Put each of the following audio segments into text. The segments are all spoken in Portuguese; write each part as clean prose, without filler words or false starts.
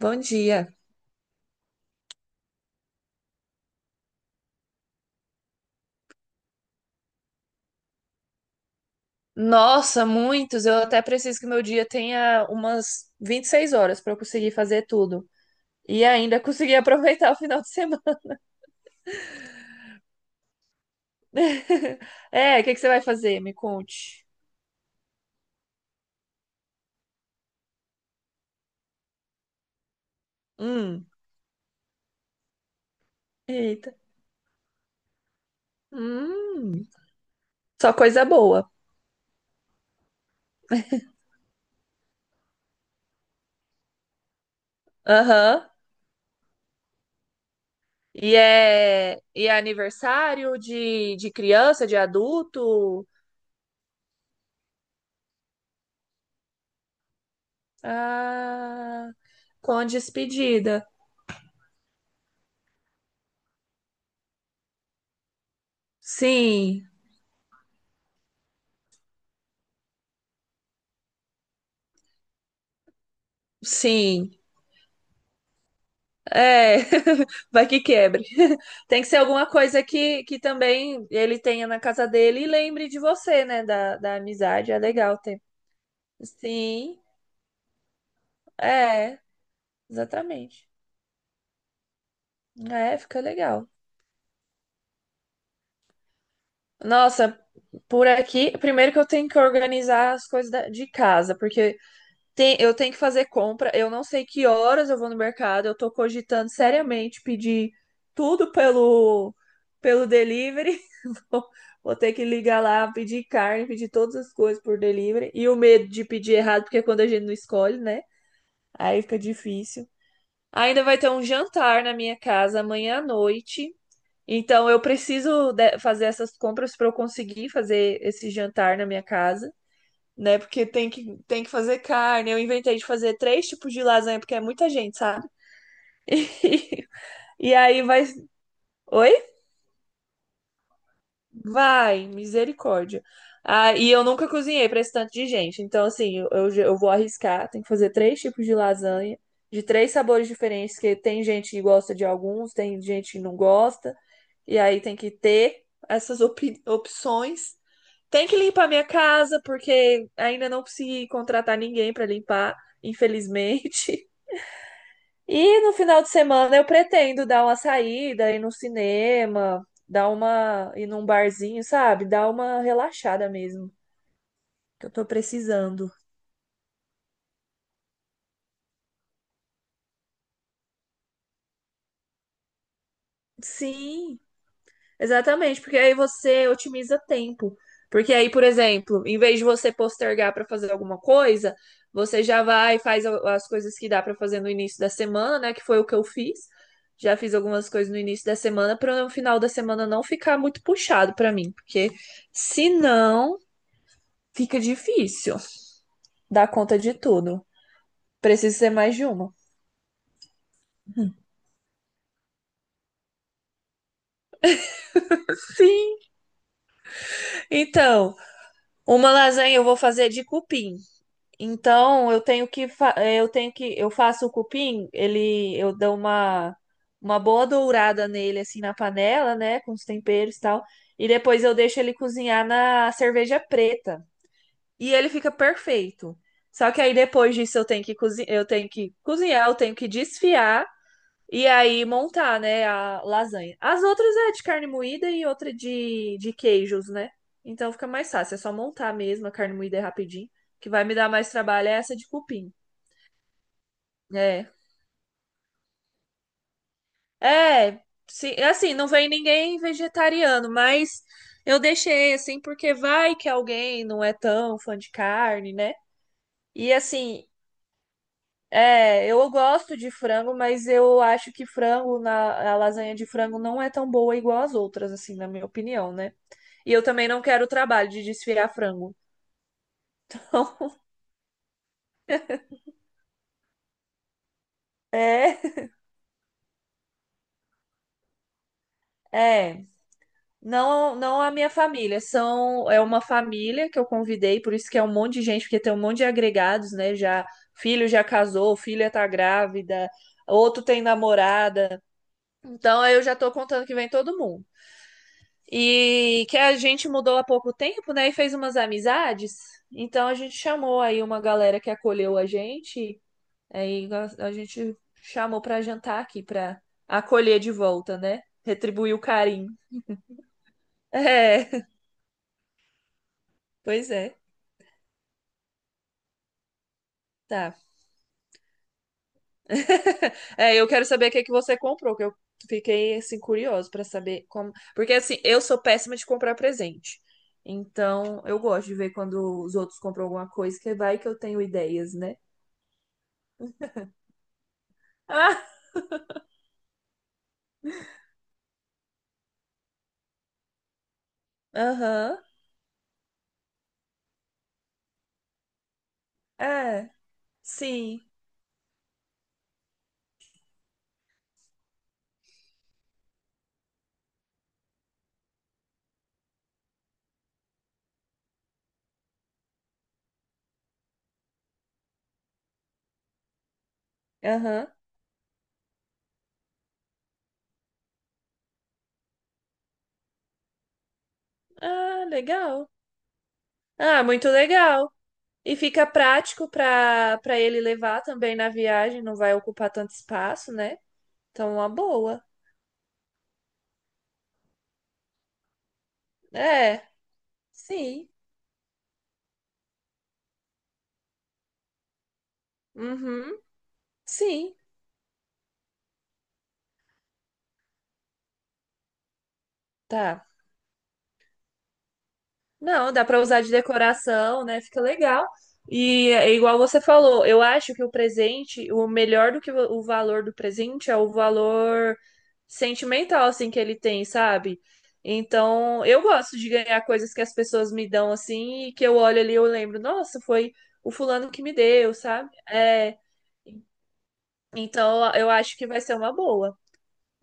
Bom dia. Nossa, muitos. Eu até preciso que meu dia tenha umas 26 horas para eu conseguir fazer tudo. E ainda conseguir aproveitar o final de semana. É, o que que você vai fazer? Me conte. Hum, eita. Hum, só coisa boa. Aham. E é aniversário de criança, de adulto? Ah, com a despedida. Sim, sim. É, vai que quebre. Tem que ser alguma coisa que também ele tenha na casa dele e lembre de você, né? Da, da amizade. É legal ter. Sim, é, exatamente. É, fica legal. Nossa, por aqui, primeiro que eu tenho que organizar as coisas de casa, porque tem, eu tenho que fazer compra. Eu não sei que horas eu vou no mercado. Eu tô cogitando seriamente pedir tudo pelo, pelo delivery. Vou ter que ligar lá, pedir carne, pedir todas as coisas por delivery. E o medo de pedir errado, porque é quando a gente não escolhe, né? Aí fica difícil. Ainda vai ter um jantar na minha casa amanhã à noite. Então eu preciso fazer essas compras para eu conseguir fazer esse jantar na minha casa, né? Porque tem que fazer carne. Eu inventei de fazer três tipos de lasanha, porque é muita gente, sabe? E aí vai. Oi? Vai, misericórdia. Ah, e eu nunca cozinhei para esse tanto de gente. Então, assim, eu vou arriscar. Tem que fazer três tipos de lasanha, de três sabores diferentes, que tem gente que gosta de alguns, tem gente que não gosta. E aí tem que ter essas opções. Tem que limpar minha casa, porque ainda não consegui contratar ninguém para limpar, infelizmente. E no final de semana eu pretendo dar uma saída, ir no cinema, dar uma, ir num barzinho, sabe? Dar uma relaxada mesmo, que eu tô precisando. Sim, exatamente, porque aí você otimiza tempo. Porque aí, por exemplo, em vez de você postergar para fazer alguma coisa, você já vai e faz as coisas que dá para fazer no início da semana, né? Que foi o que eu fiz. Já fiz algumas coisas no início da semana para no final da semana não ficar muito puxado para mim, porque se não fica difícil dar conta de tudo. Precisa ser mais de uma. Sim. Então, uma lasanha eu vou fazer de cupim. Então, eu tenho que eu tenho que eu faço o cupim, ele eu dou uma boa dourada nele assim na panela, né, com os temperos e tal, e depois eu deixo ele cozinhar na cerveja preta. E ele fica perfeito. Só que aí depois disso eu tenho que cozinhar, eu tenho que desfiar. E aí montar, né, a lasanha. As outras é de carne moída e outra de queijos, né? Então fica mais fácil, é só montar mesmo, a carne moída é rapidinho. O que vai me dar mais trabalho é essa de cupim. É. É, sim, assim, não vem ninguém vegetariano, mas eu deixei assim porque vai que alguém não é tão fã de carne, né? E assim, é, eu gosto de frango, mas eu acho que frango na a lasanha de frango não é tão boa igual as outras, assim, na minha opinião, né? E eu também não quero o trabalho de desfiar frango. É, é. Não, não a minha família, são é uma família que eu convidei, por isso que é um monte de gente, porque tem um monte de agregados, né? Já filho já casou, filha tá grávida, outro tem namorada. Então eu já tô contando que vem todo mundo. E que a gente mudou há pouco tempo, né? E fez umas amizades. Então a gente chamou aí uma galera que acolheu a gente. Aí a gente chamou pra jantar aqui, pra acolher de volta, né? Retribuir o carinho. É, pois é. Tá. É, eu quero saber o que que você comprou, que eu fiquei assim curioso pra saber como, porque assim, eu sou péssima de comprar presente. Então, eu gosto de ver quando os outros compram alguma coisa, que vai que eu tenho ideias, né? Ah, aham. É, sim. Aham. Ah, legal. Ah, muito legal. E fica prático para para ele levar também na viagem, não vai ocupar tanto espaço, né? Então, uma boa. É, sim. Uhum, sim. Tá. Não, dá pra usar de decoração, né? Fica legal. E é igual você falou, eu acho que o presente, o melhor do que o valor do presente é o valor sentimental, assim, que ele tem, sabe? Então, eu gosto de ganhar coisas que as pessoas me dão, assim, e que eu olho ali e eu lembro, nossa, foi o fulano que me deu, sabe? É, então, eu acho que vai ser uma boa.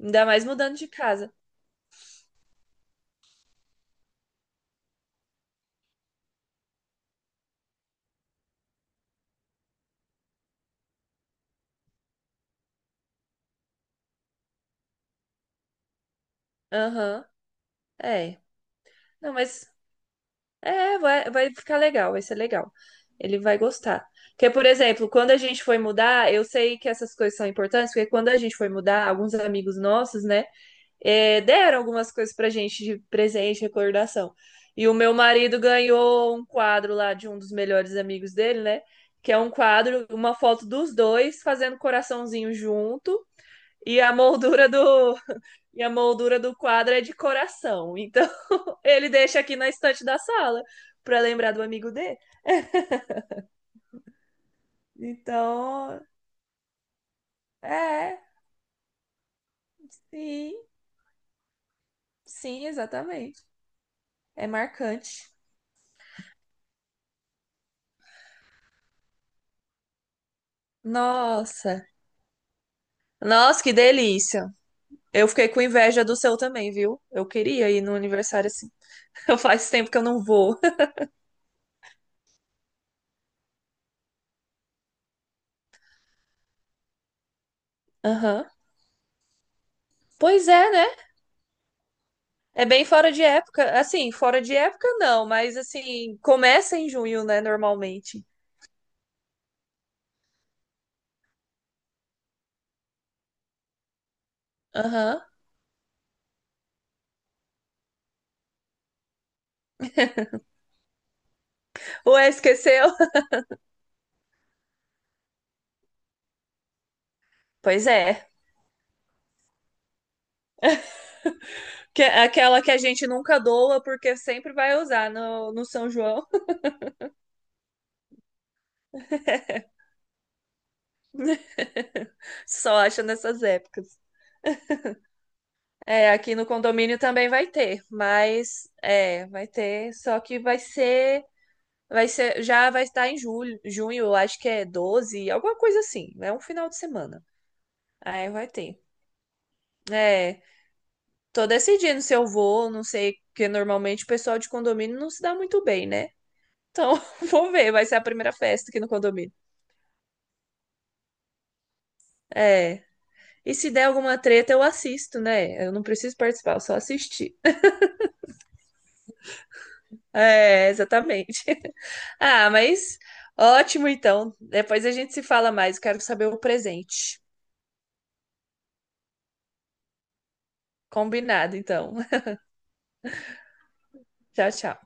Ainda mais mudando de casa. Aham, é. Não, mas é, vai, vai ficar legal, vai ser legal. Ele vai gostar. Porque, por exemplo, quando a gente foi mudar, eu sei que essas coisas são importantes, porque quando a gente foi mudar, alguns amigos nossos, né, deram algumas coisas pra gente de presente, recordação. E o meu marido ganhou um quadro lá de um dos melhores amigos dele, né? Que é um quadro, uma foto dos dois fazendo coraçãozinho junto, e a moldura e a moldura do quadro é de coração. Então, ele deixa aqui na estante da sala para lembrar do amigo dele. Então, é, sim, sim, exatamente. É marcante. Nossa, nossa, que delícia. Eu fiquei com inveja do seu também, viu? Eu queria ir no aniversário assim. Faz tempo que eu não vou. Aham. Pois é, né? É bem fora de época. Assim, fora de época não, mas assim, começa em junho, né, normalmente. Aham. Ué, esqueceu? Pois é. Que, é aquela que a gente nunca doa porque sempre vai usar no, no São João. Só acha nessas épocas. É, aqui no condomínio também vai ter, mas é, vai ter, só que vai ser, já vai estar em julho, junho, acho que é 12 alguma coisa assim, é um final de semana. Aí vai ter. É, tô decidindo se eu vou, não sei, porque normalmente o pessoal de condomínio não se dá muito bem, né? Então, vou ver, vai ser a primeira festa aqui no condomínio. É, e se der alguma treta, eu assisto, né? Eu não preciso participar, eu só assistir. É, exatamente. Ah, mas ótimo então. Depois a gente se fala mais. Quero saber o presente. Combinado, então. Tchau, tchau.